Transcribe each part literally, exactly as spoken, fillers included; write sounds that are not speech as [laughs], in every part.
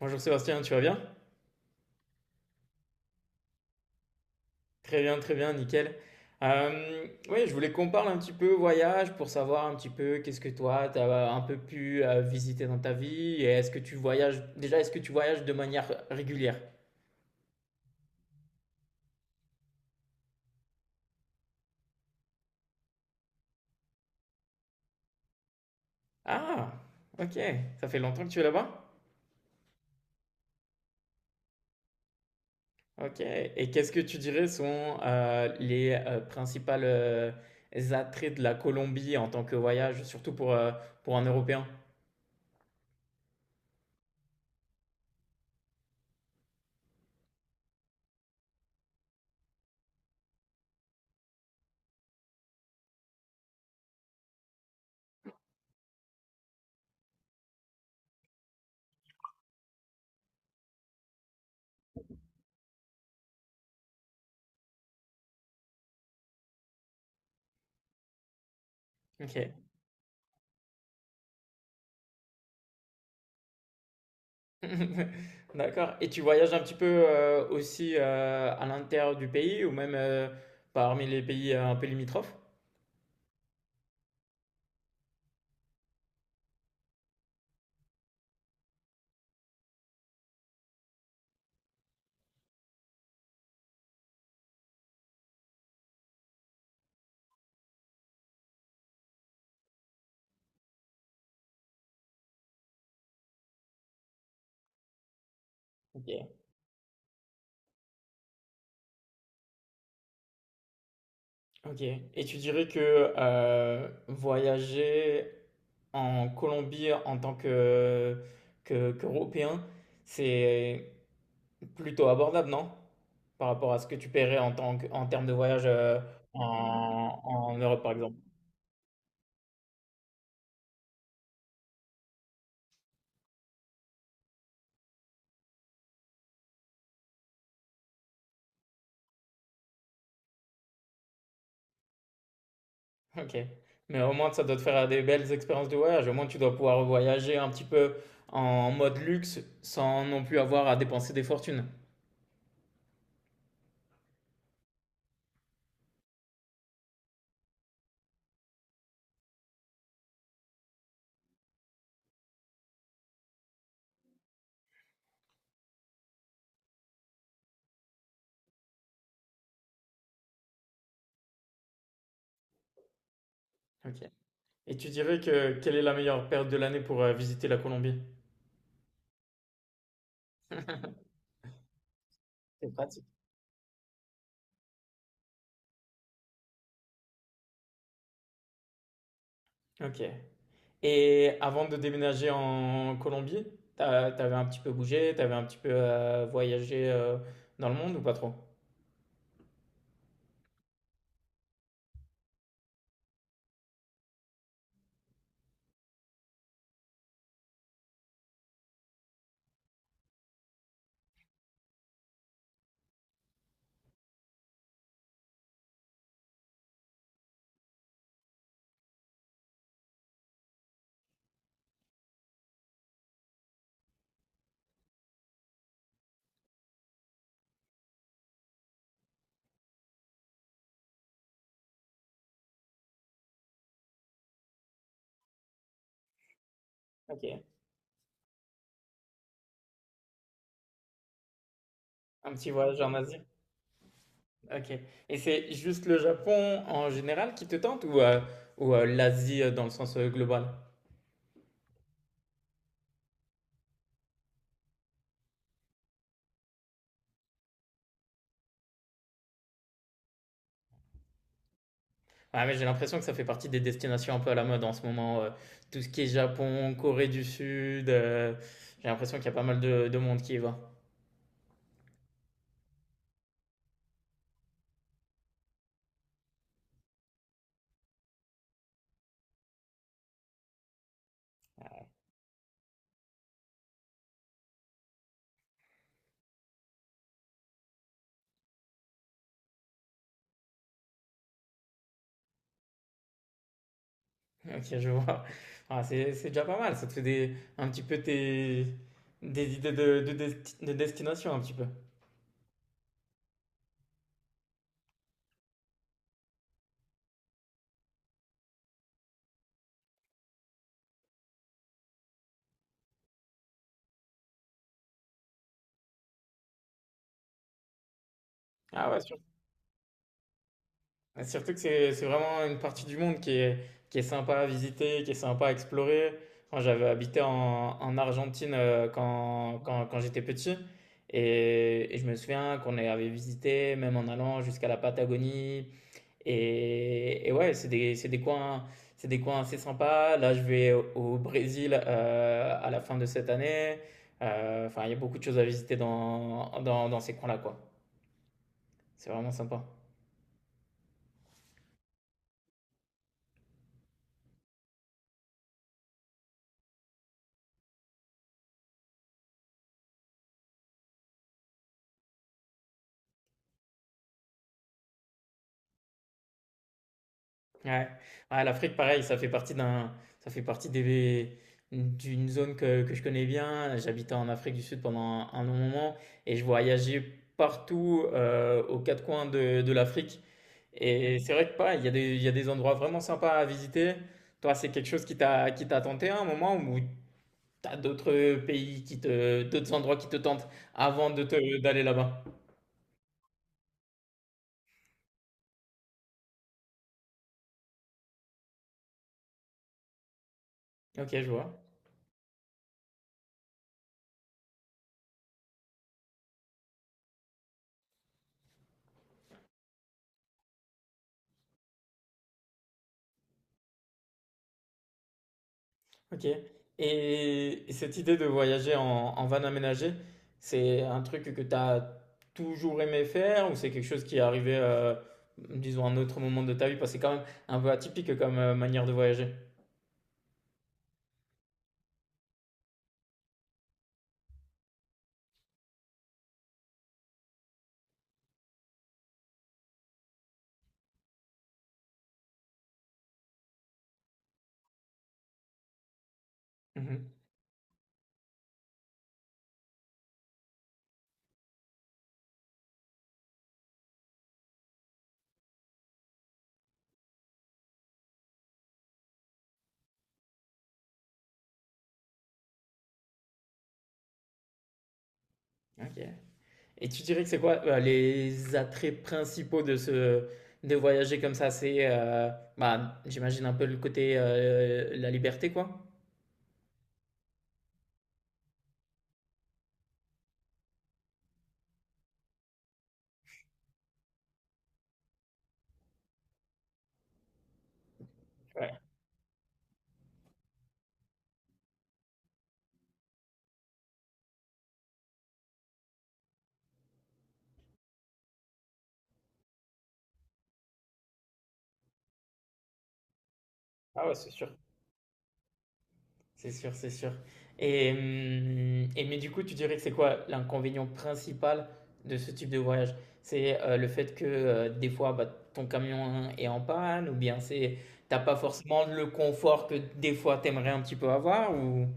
Bonjour Sébastien, tu vas bien? Très bien, très bien, nickel. Euh, oui, je voulais qu'on parle un petit peu voyage pour savoir un petit peu qu'est-ce que toi, tu as un peu pu euh, visiter dans ta vie et est-ce que tu voyages, déjà, est-ce que tu voyages de manière régulière? Ah, ok, ça fait longtemps que tu es là-bas? Ok, et qu'est-ce que tu dirais sont euh, les euh, principales euh, attraits de la Colombie en tant que voyage, surtout pour, euh, pour un Européen? Ok. [laughs] D'accord. Et tu voyages un petit peu euh, aussi euh, à l'intérieur du pays ou même euh, parmi les pays euh, un peu limitrophes? Ok. Ok. Et tu dirais que euh, voyager en Colombie en tant que, que, qu'Européen, c'est plutôt abordable, non? Par rapport à ce que tu paierais en tant que, en termes de voyage euh, en, en Europe, par exemple. OK. Mais au moins, ça doit te faire des belles expériences de voyage. Au moins, tu dois pouvoir voyager un petit peu en mode luxe sans non plus avoir à dépenser des fortunes. OK. Et tu dirais que quelle est la meilleure période de l'année pour euh, visiter la Colombie? [laughs] C'est pratique. OK. Et avant de déménager en Colombie, t'as- t'avais un petit peu bougé, t'avais un petit peu euh, voyagé euh, dans le monde ou pas trop? OK. Un petit voyage en Asie? Ok. Et c'est juste le Japon en général qui te tente ou, euh, ou euh, l'Asie euh, dans le sens euh, global? Ouais, mais j'ai l'impression que ça fait partie des destinations un peu à la mode en ce moment. Euh, tout ce qui est Japon, Corée du Sud, euh, j'ai l'impression qu'il y a pas mal de, de monde qui y va. Ok, je vois. Ah, c'est, c'est déjà pas mal. Ça te fait des, un petit peu tes, des idées de, de, desti- de destination un petit peu. Ah ouais, et surtout que c'est c'est vraiment une partie du monde qui est, qui est, sympa à visiter, qui est sympa à explorer. Enfin, j'avais habité en, en Argentine euh, quand, quand, quand j'étais petit. Et, et je me souviens qu'on avait visité, même en allant jusqu'à la Patagonie. Et, et ouais, c'est des, c'est des coins, c'est des coins assez sympas. Là, je vais au, au Brésil euh, à la fin de cette année. Euh, Enfin, il y a beaucoup de choses à visiter dans, dans, dans ces coins-là, quoi. C'est vraiment sympa. Ouais. Ouais, l'Afrique, pareil, ça fait partie d'un, ça fait partie des, d'une zone que, que je connais bien. J'habitais en Afrique du Sud pendant un, un long moment et je voyageais partout euh, aux quatre coins de, de l'Afrique. Et c'est vrai que pareil, il y a des, il y a des endroits vraiment sympas à visiter. Toi, c'est quelque chose qui t'a, qui t'a tenté à un moment ou t'as d'autres pays qui te, d'autres endroits qui te tentent avant de te, d'aller là-bas? Ok, je vois. Ok. Et cette idée de voyager en, en van aménagé, c'est un truc que tu as toujours aimé faire ou c'est quelque chose qui est arrivé, euh, disons, à un autre moment de ta vie? Parce que c'est quand même un peu atypique comme euh, manière de voyager. Mhm. Ok. Et tu dirais que c'est quoi euh, les attraits principaux de ce de voyager comme ça? C'est, euh, bah, j'imagine un peu le côté euh, la liberté, quoi. Ouais. Ah ouais, c'est sûr. C'est sûr, c'est sûr. Et, hum, et mais du coup, tu dirais que c'est quoi l'inconvénient principal de ce type de voyage? C'est euh, le fait que euh, des fois, bah, ton camion est en panne, ou bien c'est t'as pas forcément le confort que des fois t'aimerais un petit peu avoir, ou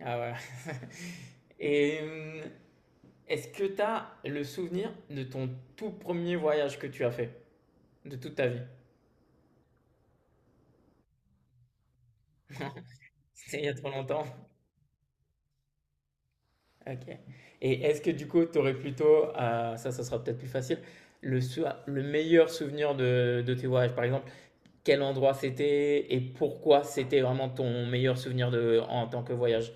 ah ouais. [laughs] Et hum, est-ce que t'as le souvenir de ton tout premier voyage que tu as fait de toute ta vie? C'était il y a trop longtemps. Ok. Et est-ce que du coup, tu aurais plutôt, euh, ça, ça sera peut-être plus facile, le, sou- le meilleur souvenir de, de tes voyages? Par exemple, quel endroit c'était et pourquoi c'était vraiment ton meilleur souvenir de, en tant que voyage?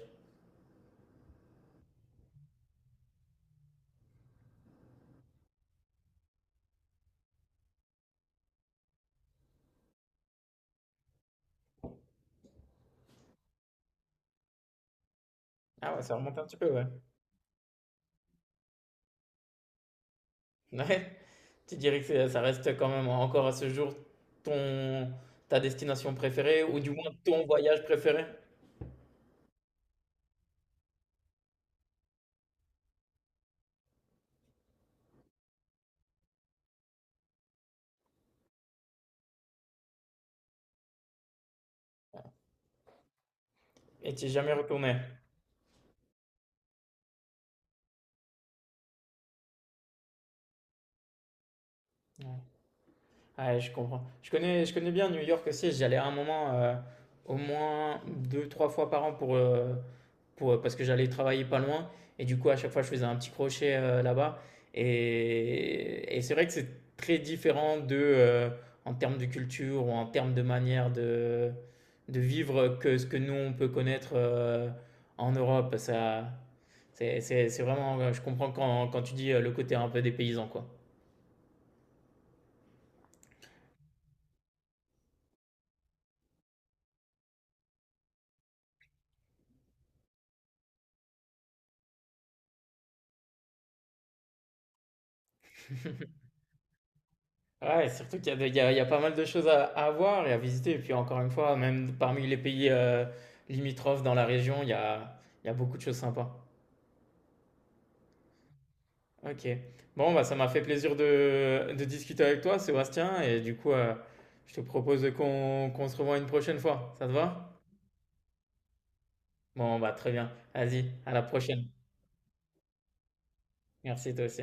Ah ouais, ça remonte un petit peu, ouais. Ouais. Tu dirais que c'est- ça reste quand même encore à ce jour ton, ta destination préférée ou du moins ton voyage préféré et tu es jamais retourné. Ouais. Ah ouais, je comprends. Je connais, je connais bien New York aussi. J'allais à un moment euh, au moins deux, trois fois par an pour, euh, pour, euh, parce que j'allais travailler pas loin. Et du coup, à chaque fois, je faisais un petit crochet euh, là-bas. Et, et c'est vrai que c'est très différent de, euh, en termes de culture ou en termes de manière de, de vivre que ce que nous, on peut connaître euh, en Europe. Ça, c'est, c'est, c'est vraiment, je comprends quand, quand tu dis euh, le côté un peu des paysans, quoi. Ouais, surtout qu'il y a, de- il y a- il y a pas mal de choses à, à voir et à visiter. Et puis encore une fois, même parmi les pays euh, limitrophes dans la région, il y a, il y a beaucoup de choses sympas. Ok. Bon, bah, ça m'a fait plaisir de, de discuter avec toi, Sébastien. Et du coup, euh, je te propose qu'on qu'on se revoie une prochaine fois. Ça te va? Bon, bah, très bien. Vas-y, à la prochaine. Merci, toi aussi.